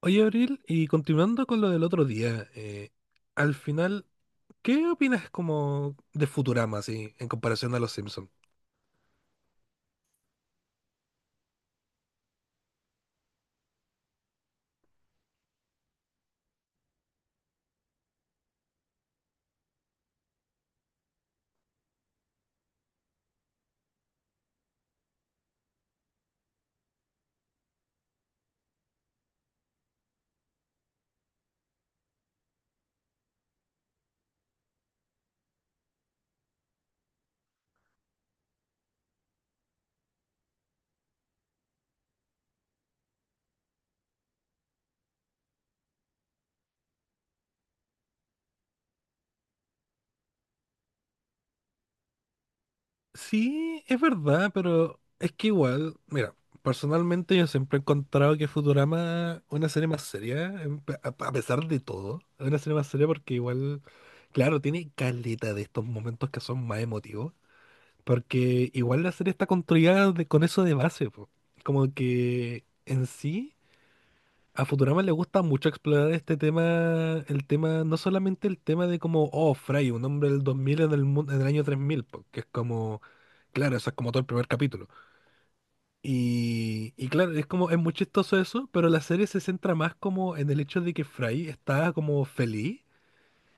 Oye, Abril, y continuando con lo del otro día, al final, ¿qué opinas como de Futurama, así, en comparación a Los Simpsons? Sí, es verdad, pero es que igual, mira, personalmente yo siempre he encontrado que Futurama es una serie más seria, en pe- a pesar de todo, es una serie más seria porque igual, claro, tiene caleta de estos momentos que son más emotivos, porque igual la serie está construida con eso de base, po. Como que en sí... A Futurama le gusta mucho explorar este tema, el tema, no solamente el tema de como, oh, Fry, un hombre del 2000 en en el año 3000, porque es como, claro, eso es como todo el primer capítulo. Y claro, es como, es muy chistoso eso, pero la serie se centra más como en el hecho de que Fry está como feliz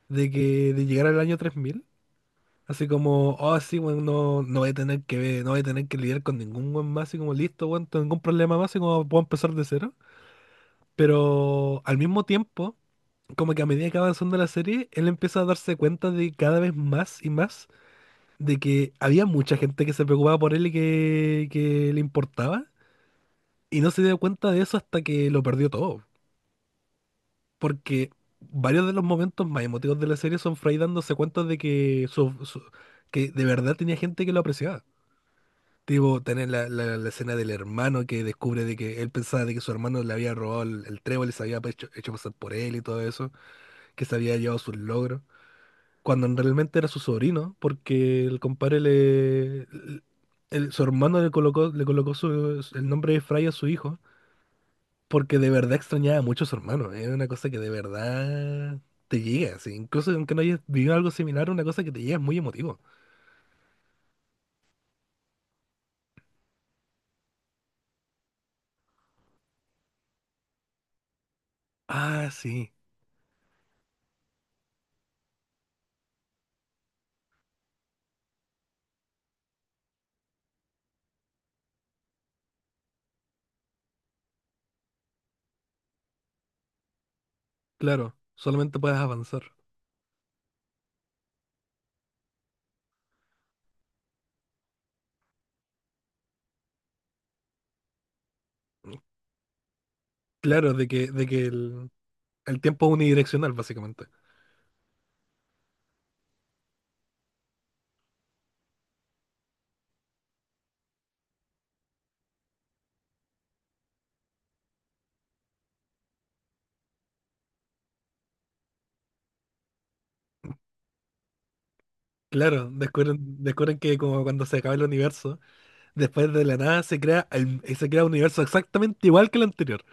de llegar al año 3000. Así como, oh, sí, bueno, no, no voy a tener que ver- no voy a tener que lidiar con ningún buen más, así como, listo, bueno, ningún problema más, así como puedo empezar de cero. Pero al mismo tiempo como que a medida que va avanzando la serie, él empieza a darse cuenta de cada vez más y más de que había mucha gente que se preocupaba por él y que le importaba. Y no se dio cuenta de eso hasta que lo perdió todo. Porque varios de los momentos más emotivos de la serie son Fry dándose cuenta de que, que de verdad tenía gente que lo apreciaba. Tipo, tener la escena del hermano que descubre de que él pensaba de que su hermano le había robado el trébol y se había hecho pasar por él y todo eso, que se había llevado sus logros, cuando realmente era su sobrino, porque el compadre le... Su hermano le colocó, le colocó el nombre de Fry a su hijo, porque de verdad extrañaba mucho a su hermano. Es una cosa que de verdad te llega, sí. Incluso aunque no hayas vivido algo similar, una cosa que te llega es muy emotivo. Ah, sí, claro, solamente puedes avanzar. Claro, de que, de que el tiempo es unidireccional, básicamente. Claro, descubren que como cuando se acaba el universo, después de la nada se crea un universo exactamente igual que el anterior.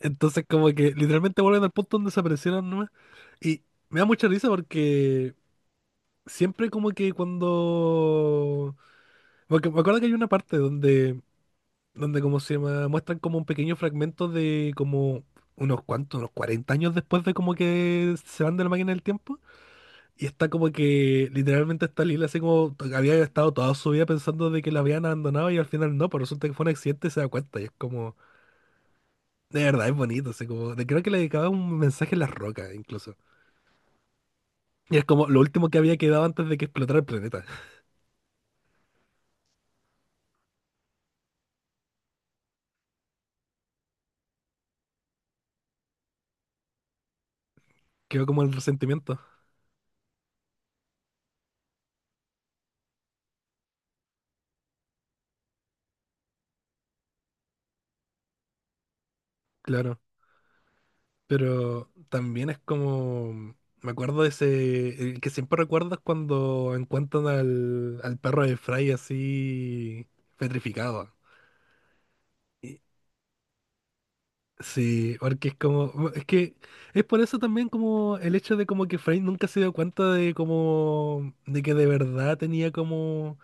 Entonces como que literalmente vuelven al punto donde se aparecieron nomás. Y me da mucha risa porque siempre como que cuando... Porque me acuerdo que hay una parte donde, muestran como un pequeño fragmento de como unos 40 años después de como que se van de la máquina del tiempo. Y está como que literalmente está Lila así como había estado toda su vida pensando de que la habían abandonado y al final no, pero resulta que fue un accidente y se da cuenta. Y es como, de verdad, es bonito. Así como, creo que le dedicaba un mensaje a las rocas incluso. Y es como lo último que había quedado antes de que explotara el planeta. Quedó como el resentimiento, claro. Pero también es como, me acuerdo de ese, el que siempre recuerdas cuando encuentran al perro de Fry así petrificado. Sí, porque es como, es que es por eso también como el hecho de como que Frey nunca se dio cuenta de como, de que de verdad tenía como,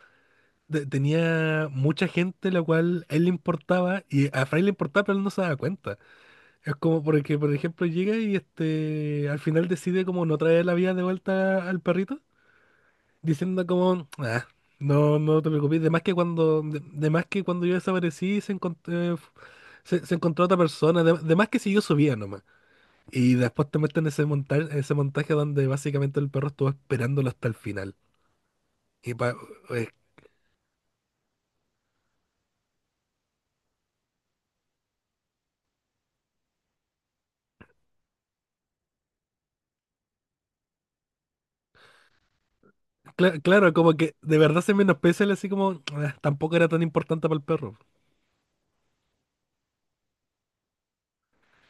tenía mucha gente la cual él le importaba y a Frey le importaba pero él no se daba cuenta. Es como porque, por ejemplo, llega y este, al final decide como no traer la vida de vuelta al perrito, diciendo como, ah, no te preocupes, de más que cuando yo desaparecí se encontró otra persona, de más que siguió su vida nomás. Y después te meten ese montaje donde básicamente el perro estuvo esperándolo hasta el final. Y pa- eh, claro, como que de verdad se menosprecia el así como "Ah, tampoco era tan importante para el perro."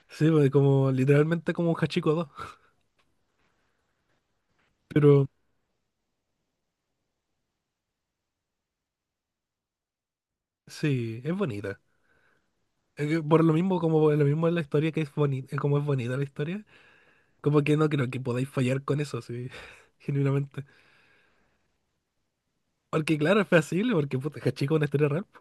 Sí, pues, como literalmente como un Hachiko 2. Pero sí, es bonita. Es que por lo mismo, como lo mismo es la historia que es bonita, como es bonita la historia, como que no creo que podáis fallar con eso, sí, genuinamente. Porque claro, es fácil, porque puta, Hachiko es una historia real, po.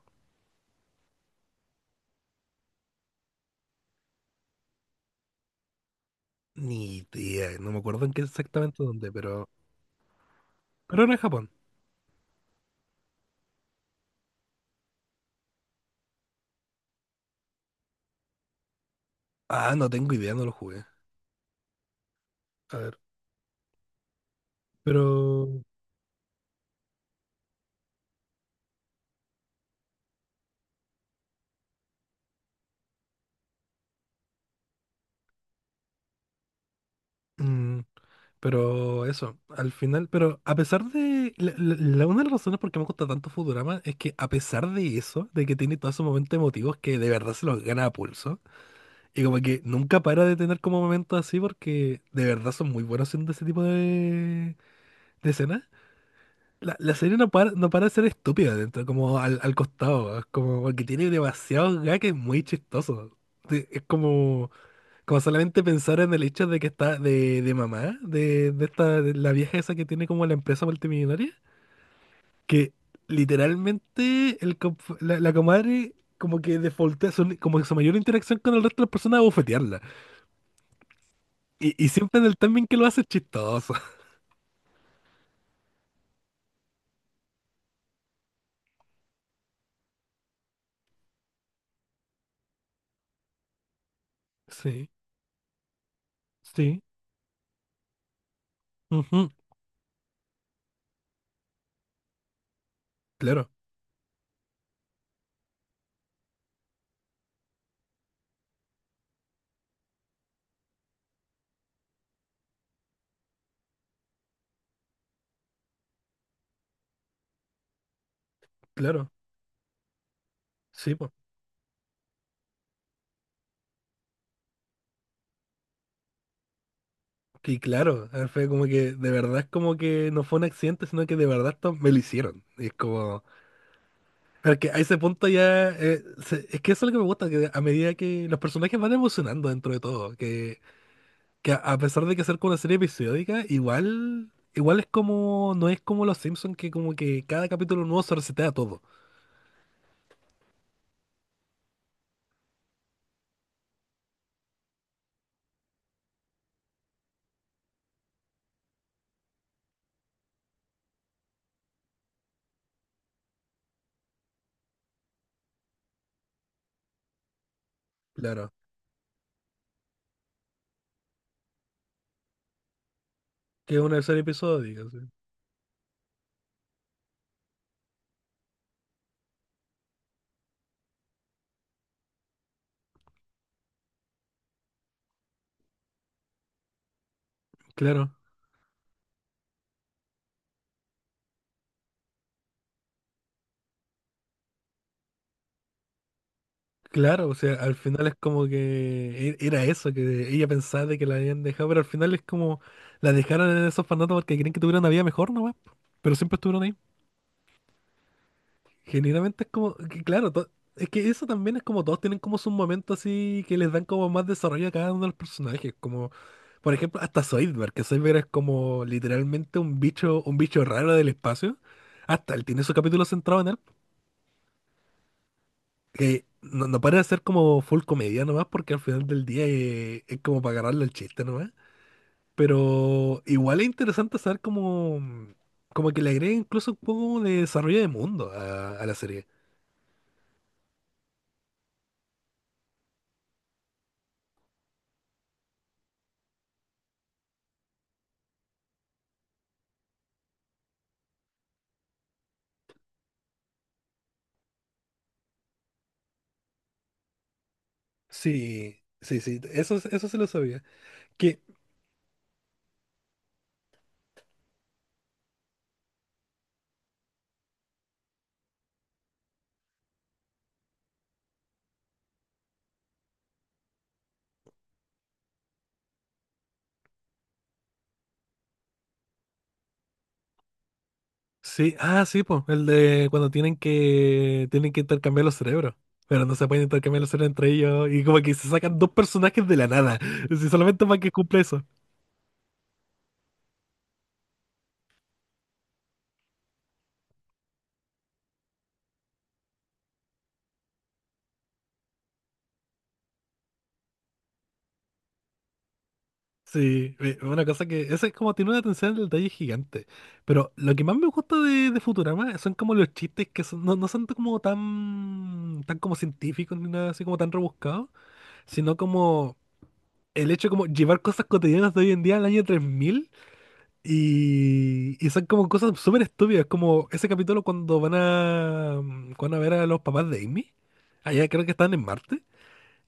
Ni idea, no me acuerdo en qué exactamente dónde, pero era en Japón. Ah, no tengo idea, no lo jugué. A ver, pero... mm, pero eso, al final, pero a pesar de... Una de las razones por qué me gusta tanto Futurama es que a pesar de eso, de que tiene todos esos momentos emotivos que de verdad se los gana a pulso, y como que nunca para de tener como momentos así porque de verdad son muy buenos haciendo ese tipo de escenas. La serie no para de ser estúpida dentro, como al costado, es como porque tiene demasiados gags muy chistosos. Sí, es como... Como solamente pensar en el hecho de que está de, de esta, de la vieja esa que tiene como la empresa multimillonaria, que literalmente la comadre como que defaultea, como que su mayor interacción con el resto de las personas es bofetearla. Y siempre en el timing que lo hace es chistoso. Sí, sí, ujú. Claro, claro, sí, pues. Y claro, fue como que de verdad es como que no fue un accidente, sino que de verdad esto me lo hicieron. Y es como... Pero es que a ese punto ya. Es que eso es lo que me gusta, que a medida que los personajes van evolucionando dentro de todo. Que a pesar de que ser como una serie episódica, igual. Igual es como. No es como Los Simpsons, que como que cada capítulo nuevo se resetea todo. Claro. Que es una serie episódica, sí. Claro. Claro, o sea, al final es como que era eso, que ella pensaba de que la habían dejado, pero al final es como la dejaron en esos orfanatos porque creen que tuvieron una vida mejor nomás, pero siempre estuvieron ahí. Generalmente es como, que claro, es que eso también es como todos tienen como sus momentos así que les dan como más desarrollo a cada uno de los personajes, como por ejemplo hasta Zoidberg, que Zoidberg es como literalmente un bicho raro del espacio, hasta él tiene su capítulo centrado en él, que no para de ser como full comedia nomás, porque al final del día es, como para agarrarle el chiste nomás, pero igual es interesante saber como, como que le agrega incluso un poco de desarrollo de mundo a la serie. Sí, sí, sí, eso se lo sabía. Que, sí, ah, sí, pues, el de cuando tienen que intercambiar los cerebros. Pero no se pueden intercambiar los cerebros entre ellos. Y como que se sacan dos personajes de la nada. Sí, solamente para que cumpla eso. Sí, una cosa ese es como tiene una atención al detalle gigante. Pero lo que más me gusta de Futurama son como los chistes que son, no son como tan, tan como científicos ni nada así como tan rebuscados, sino como el hecho de como llevar cosas cotidianas de hoy en día al año 3000. Y son como cosas súper estúpidas, como ese capítulo cuando cuando van a ver a los papás de Amy. Allá creo que están en Marte.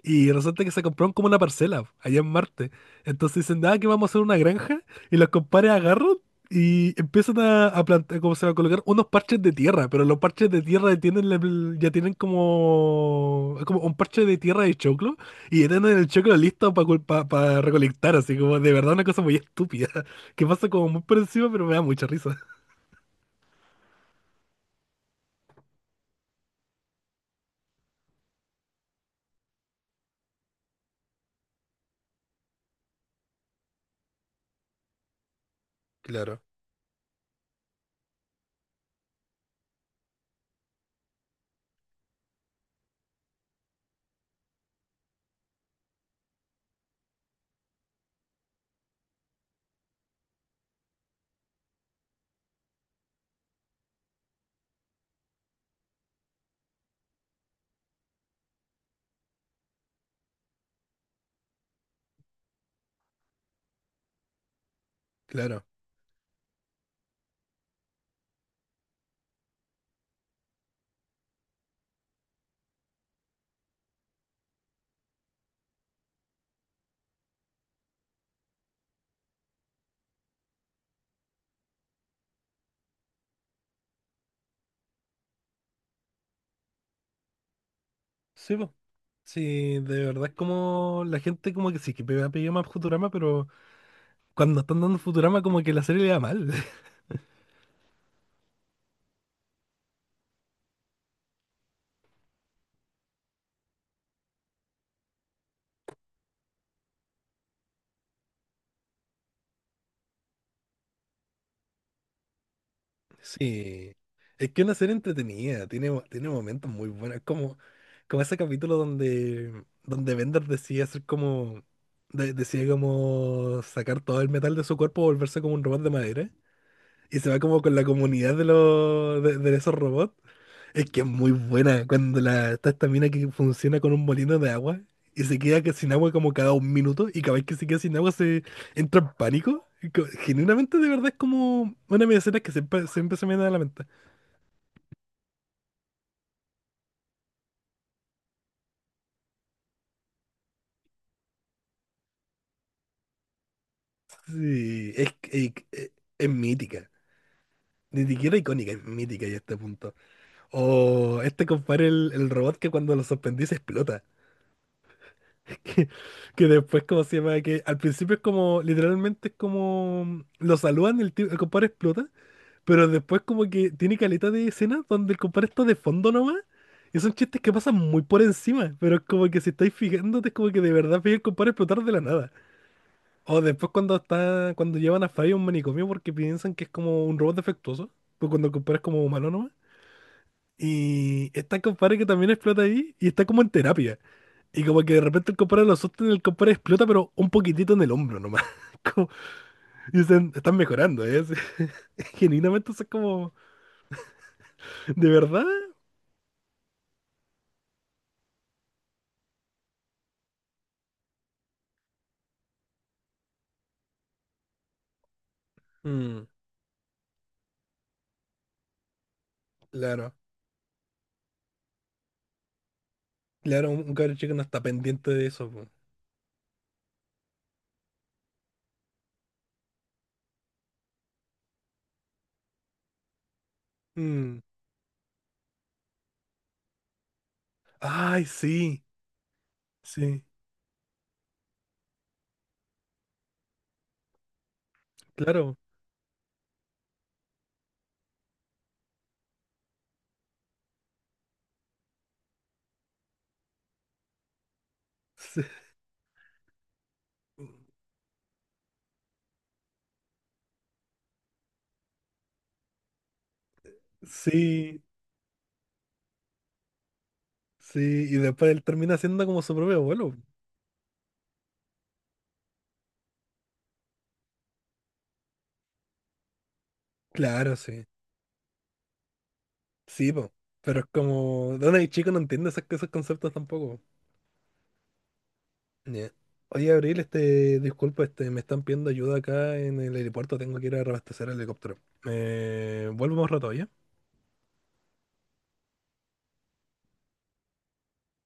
Y resulta que se compraron como una parcela allá en Marte. Entonces dicen, ah, que vamos a hacer una granja. Y los compadres agarran y empiezan a plantar, como se va a colocar, unos parches de tierra. Pero los parches de tierra tienen, ya tienen como, como un parche de tierra de choclo. Y ya tienen el choclo listo para recolectar. Así como de verdad una cosa muy estúpida. Que pasa como muy por encima, pero me da mucha risa. Claro, claro. Sí, po. Sí, de verdad es como la gente como que sí, que me ha pedido más Futurama, pero... Cuando están dando Futurama, como que la serie le da mal. Sí. Es que es una serie entretenida, tiene, tiene momentos muy buenos, como, como ese capítulo donde, donde Bender decide hacer como, decide como sacar todo el metal de su cuerpo, volverse como un robot de madera, y se va como con la comunidad de los, de esos robots. Es que es muy buena cuando está esta mina que funciona con un molino de agua y se queda sin agua como cada un minuto y cada vez que se queda sin agua se entra en pánico. Genuinamente de verdad es como una de mis escenas que siempre, siempre se me da a la mente. Sí, es mítica. Ni siquiera icónica, es mítica ya a este punto. O este compadre, el robot que cuando lo sorprendí se explota. Que, que después, ¿como se llama? Que al principio es como, literalmente es como, lo saludan, el compadre explota. Pero después como que tiene caleta de escenas donde el compadre está de fondo nomás. Y son chistes que pasan muy por encima. Pero es como que si estáis fijándote, es como que de verdad veis el compadre explotar de la nada. O después cuando cuando llevan a Fry a un manicomio porque piensan que es como un robot defectuoso. Pues cuando el compadre es como humano nomás. Y está el compadre que también explota ahí y está como en terapia. Y como que de repente el compadre lo asusta y el compadre explota, pero un poquitito en el hombro nomás. Como- y dicen, están mejorando, ¿eh? Genuinamente eso es como, de verdad, mm, claro, claro, un cabro chico no está pendiente de eso, po. Mm, ay, sí, sí, claro. Sí, sí, sí, y después él termina siendo como su propio abuelo. Claro, sí. Sí, po. Pero es como. Donde hay chico no entiende esos conceptos tampoco. Ya. Oye, Abril, disculpa, me están pidiendo ayuda acá en el aeropuerto, tengo que ir a reabastecer el helicóptero. Vuelvo más rato, ¿ya?